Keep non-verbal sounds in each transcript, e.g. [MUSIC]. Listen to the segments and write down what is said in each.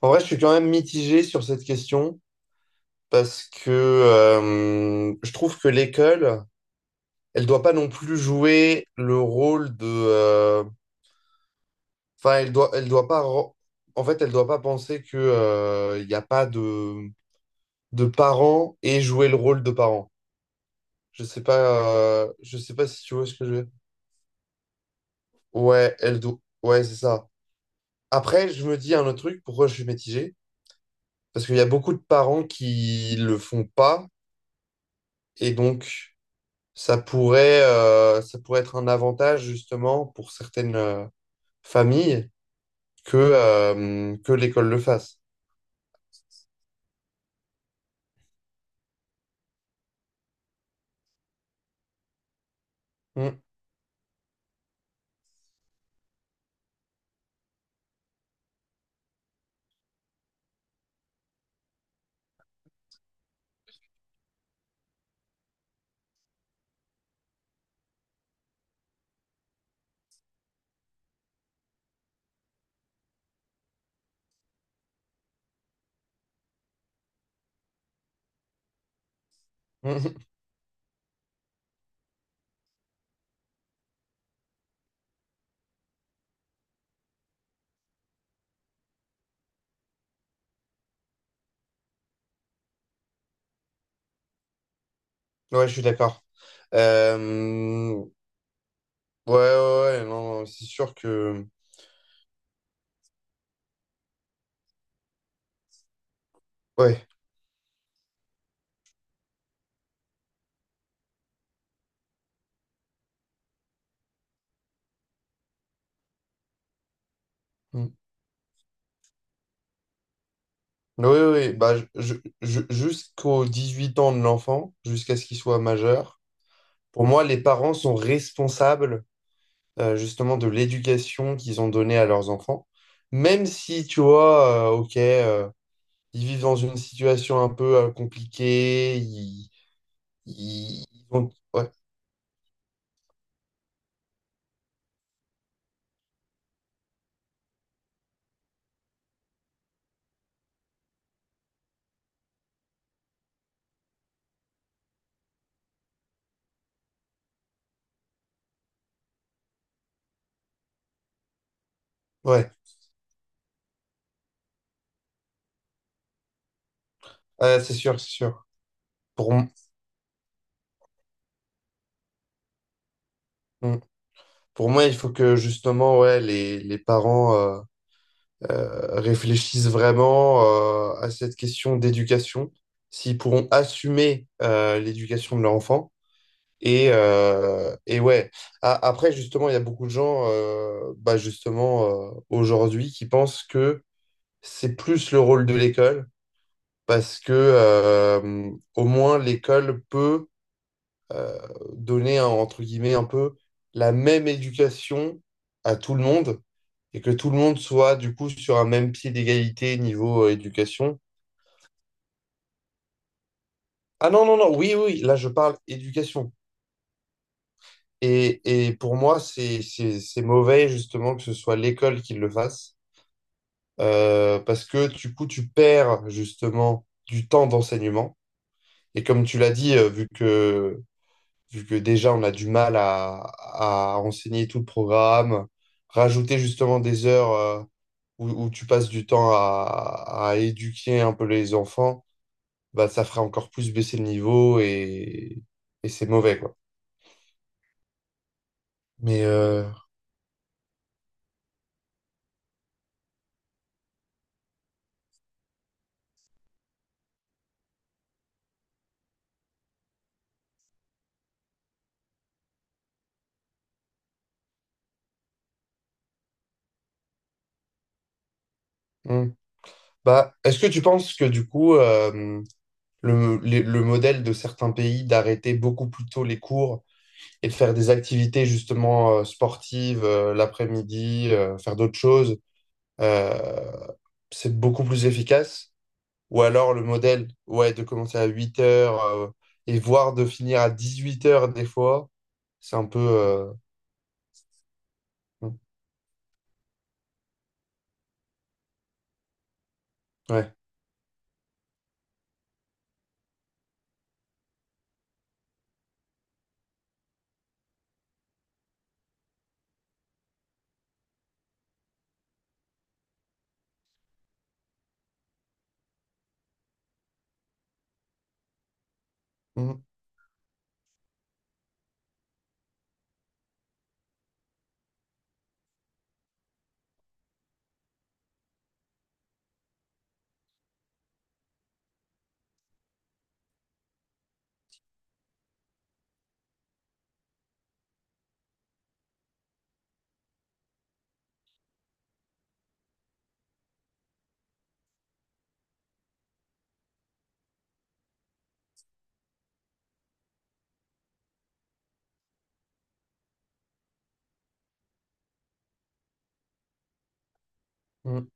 En vrai, je suis quand même mitigé sur cette question parce que je trouve que l'école, elle doit pas non plus jouer le rôle de. Enfin, elle doit pas. En fait, elle doit pas penser que il n'y a pas de parents et jouer le rôle de parents. Je sais pas. Je sais pas si tu vois ce que je veux dire. Ouais, elle doit. Ouais, c'est ça. Après, je me dis un autre truc. Pourquoi je suis mitigé? Parce qu'il y a beaucoup de parents qui le font pas et donc. Ça pourrait être un avantage justement pour certaines familles que l'école le fasse. Mm, mm. Mm. Ouais, je suis d'accord. Ouais, ouais, ouais, non, c'est sûr que. Ouais. Mm. Oui, oui, oui, bah, jusqu'aux 18 ans de l'enfant, jusqu'à ce qu'il soit majeur, pour moi, les parents sont responsables justement de l'éducation qu'ils ont donnée à leurs enfants. Même si, tu vois, ok, ils vivent dans une situation un peu compliquée. Ouais, ouais, ouais, c'est sûr, c'est sûr. Pour, m- mm. pour moi, il faut que justement, ouais, les parents réfléchissent vraiment à cette question d'éducation, s'ils pourront assumer l'éducation de leur enfant. Et ouais, après, justement, il y a beaucoup de gens, bah justement, aujourd'hui, qui pensent que c'est plus le rôle de l'école parce que au moins l'école peut euh, donner entre guillemets un peu la même éducation à tout le monde et que tout le monde soit du coup sur un même pied d'égalité niveau éducation. Ah non, non, non, oui, oui, là je parle éducation. Et, et pour moi, c'est mauvais justement que ce soit l'école qui le fasse, parce que du coup, tu perds justement du temps d'enseignement. Et comme tu l'as dit, vu que déjà on a du mal à, enseigner tout le programme, rajouter justement des heures où, tu passes du temps à éduquer un peu les enfants, bah ça fera encore plus baisser le niveau et c'est mauvais, quoi. Mais, hmm. Bah, est-ce que tu penses que du coup le modèle de certains pays d'arrêter beaucoup plus tôt les cours et de faire des activités justement sportives l'après-midi, faire d'autres choses, Euh, c'est beaucoup plus efficace? Ou alors le modèle, ouais, de commencer à 8 heures et voire de finir à 18 heures des fois, c'est un peu. Ouais. Mhm, mhm.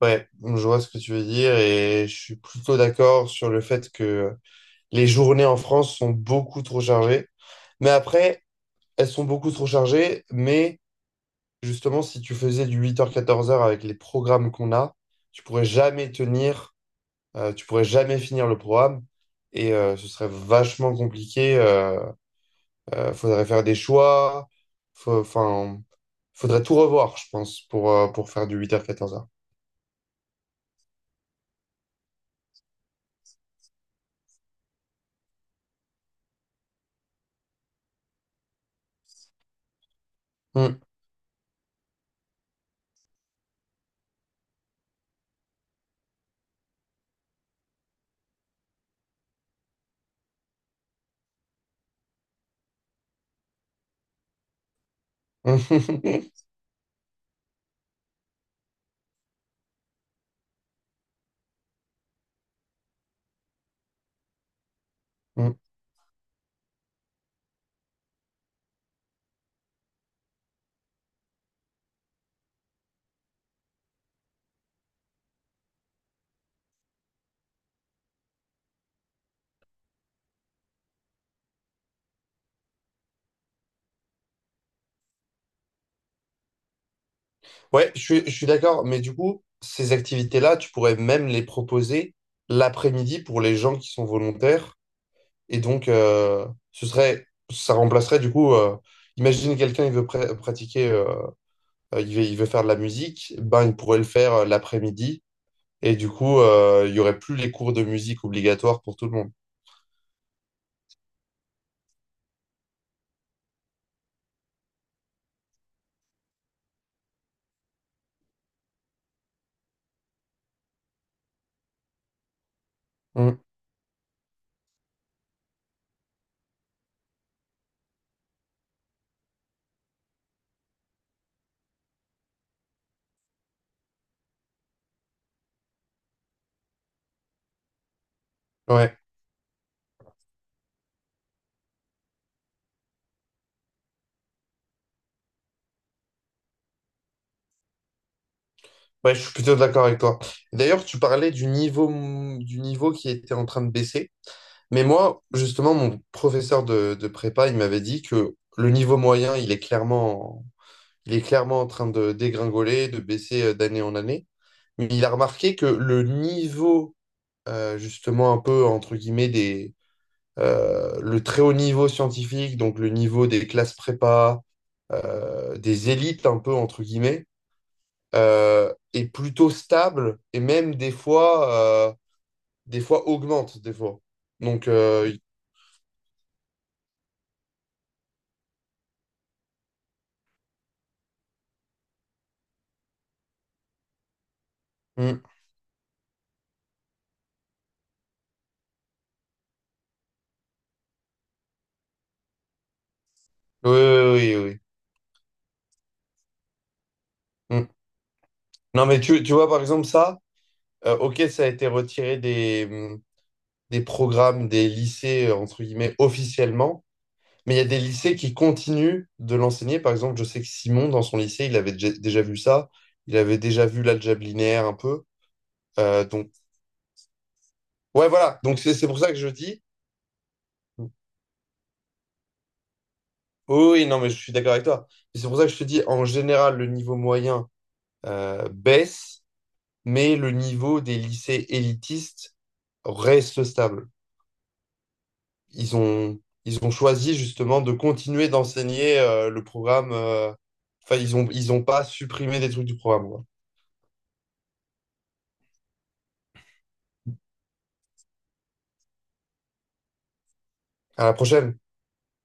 Ouais, je vois ce que tu veux dire et je suis plutôt d'accord sur le fait que les journées en France sont beaucoup trop chargées. Mais après, elles sont beaucoup trop chargées, mais justement, si tu faisais du 8 heures 14 heures avec les programmes qu'on a, tu pourrais jamais tenir. Tu pourrais jamais finir le programme et ce serait vachement compliqué. Faudrait faire des choix. Enfin, faudrait tout revoir, je pense, pour faire du 8 heures 14 h [LAUGHS] Ouais, je suis d'accord, mais du coup, ces activités-là, tu pourrais même les proposer l'après-midi pour les gens qui sont volontaires. Et donc, ce serait, ça remplacerait du coup, imagine quelqu'un, il veut pratiquer, il veut faire de la musique, ben, il pourrait le faire l'après-midi. Et du coup, il y aurait plus les cours de musique obligatoires pour tout le monde. Mm. Ouais. Ouais, je suis plutôt d'accord avec toi. D'ailleurs, tu parlais du niveau qui était en train de baisser. Mais moi, justement, mon professeur de prépa, il m'avait dit que le niveau moyen, il est clairement en train de dégringoler, de baisser d'année en année. Mais il a remarqué que le niveau, justement, un peu, entre guillemets, le très haut niveau scientifique, donc le niveau des classes prépa, des élites un peu entre guillemets, est plutôt stable et même des fois, euh, des fois, augmente des fois. Donc, mm, oui, oui, oui, oui, oui. Oui. Mm. Non mais tu vois par exemple ça, ok ça a été retiré des programmes des lycées entre guillemets officiellement. Mais il y a des lycées qui continuent de l'enseigner. Par exemple, je sais que Simon, dans son lycée, il avait déjà vu ça. Il avait déjà vu l'algèbre linéaire un peu. Donc, ouais, voilà. Donc, c'est pour ça que je dis. Oh oui, non, mais je suis d'accord avec toi. Et c'est pour ça que je te dis, en général, le niveau moyen baisse, mais le niveau des lycées élitistes reste stable. Ils ont choisi justement de continuer d'enseigner le programme. Enfin, ils ont pas supprimé des trucs du programme, quoi. À la prochaine.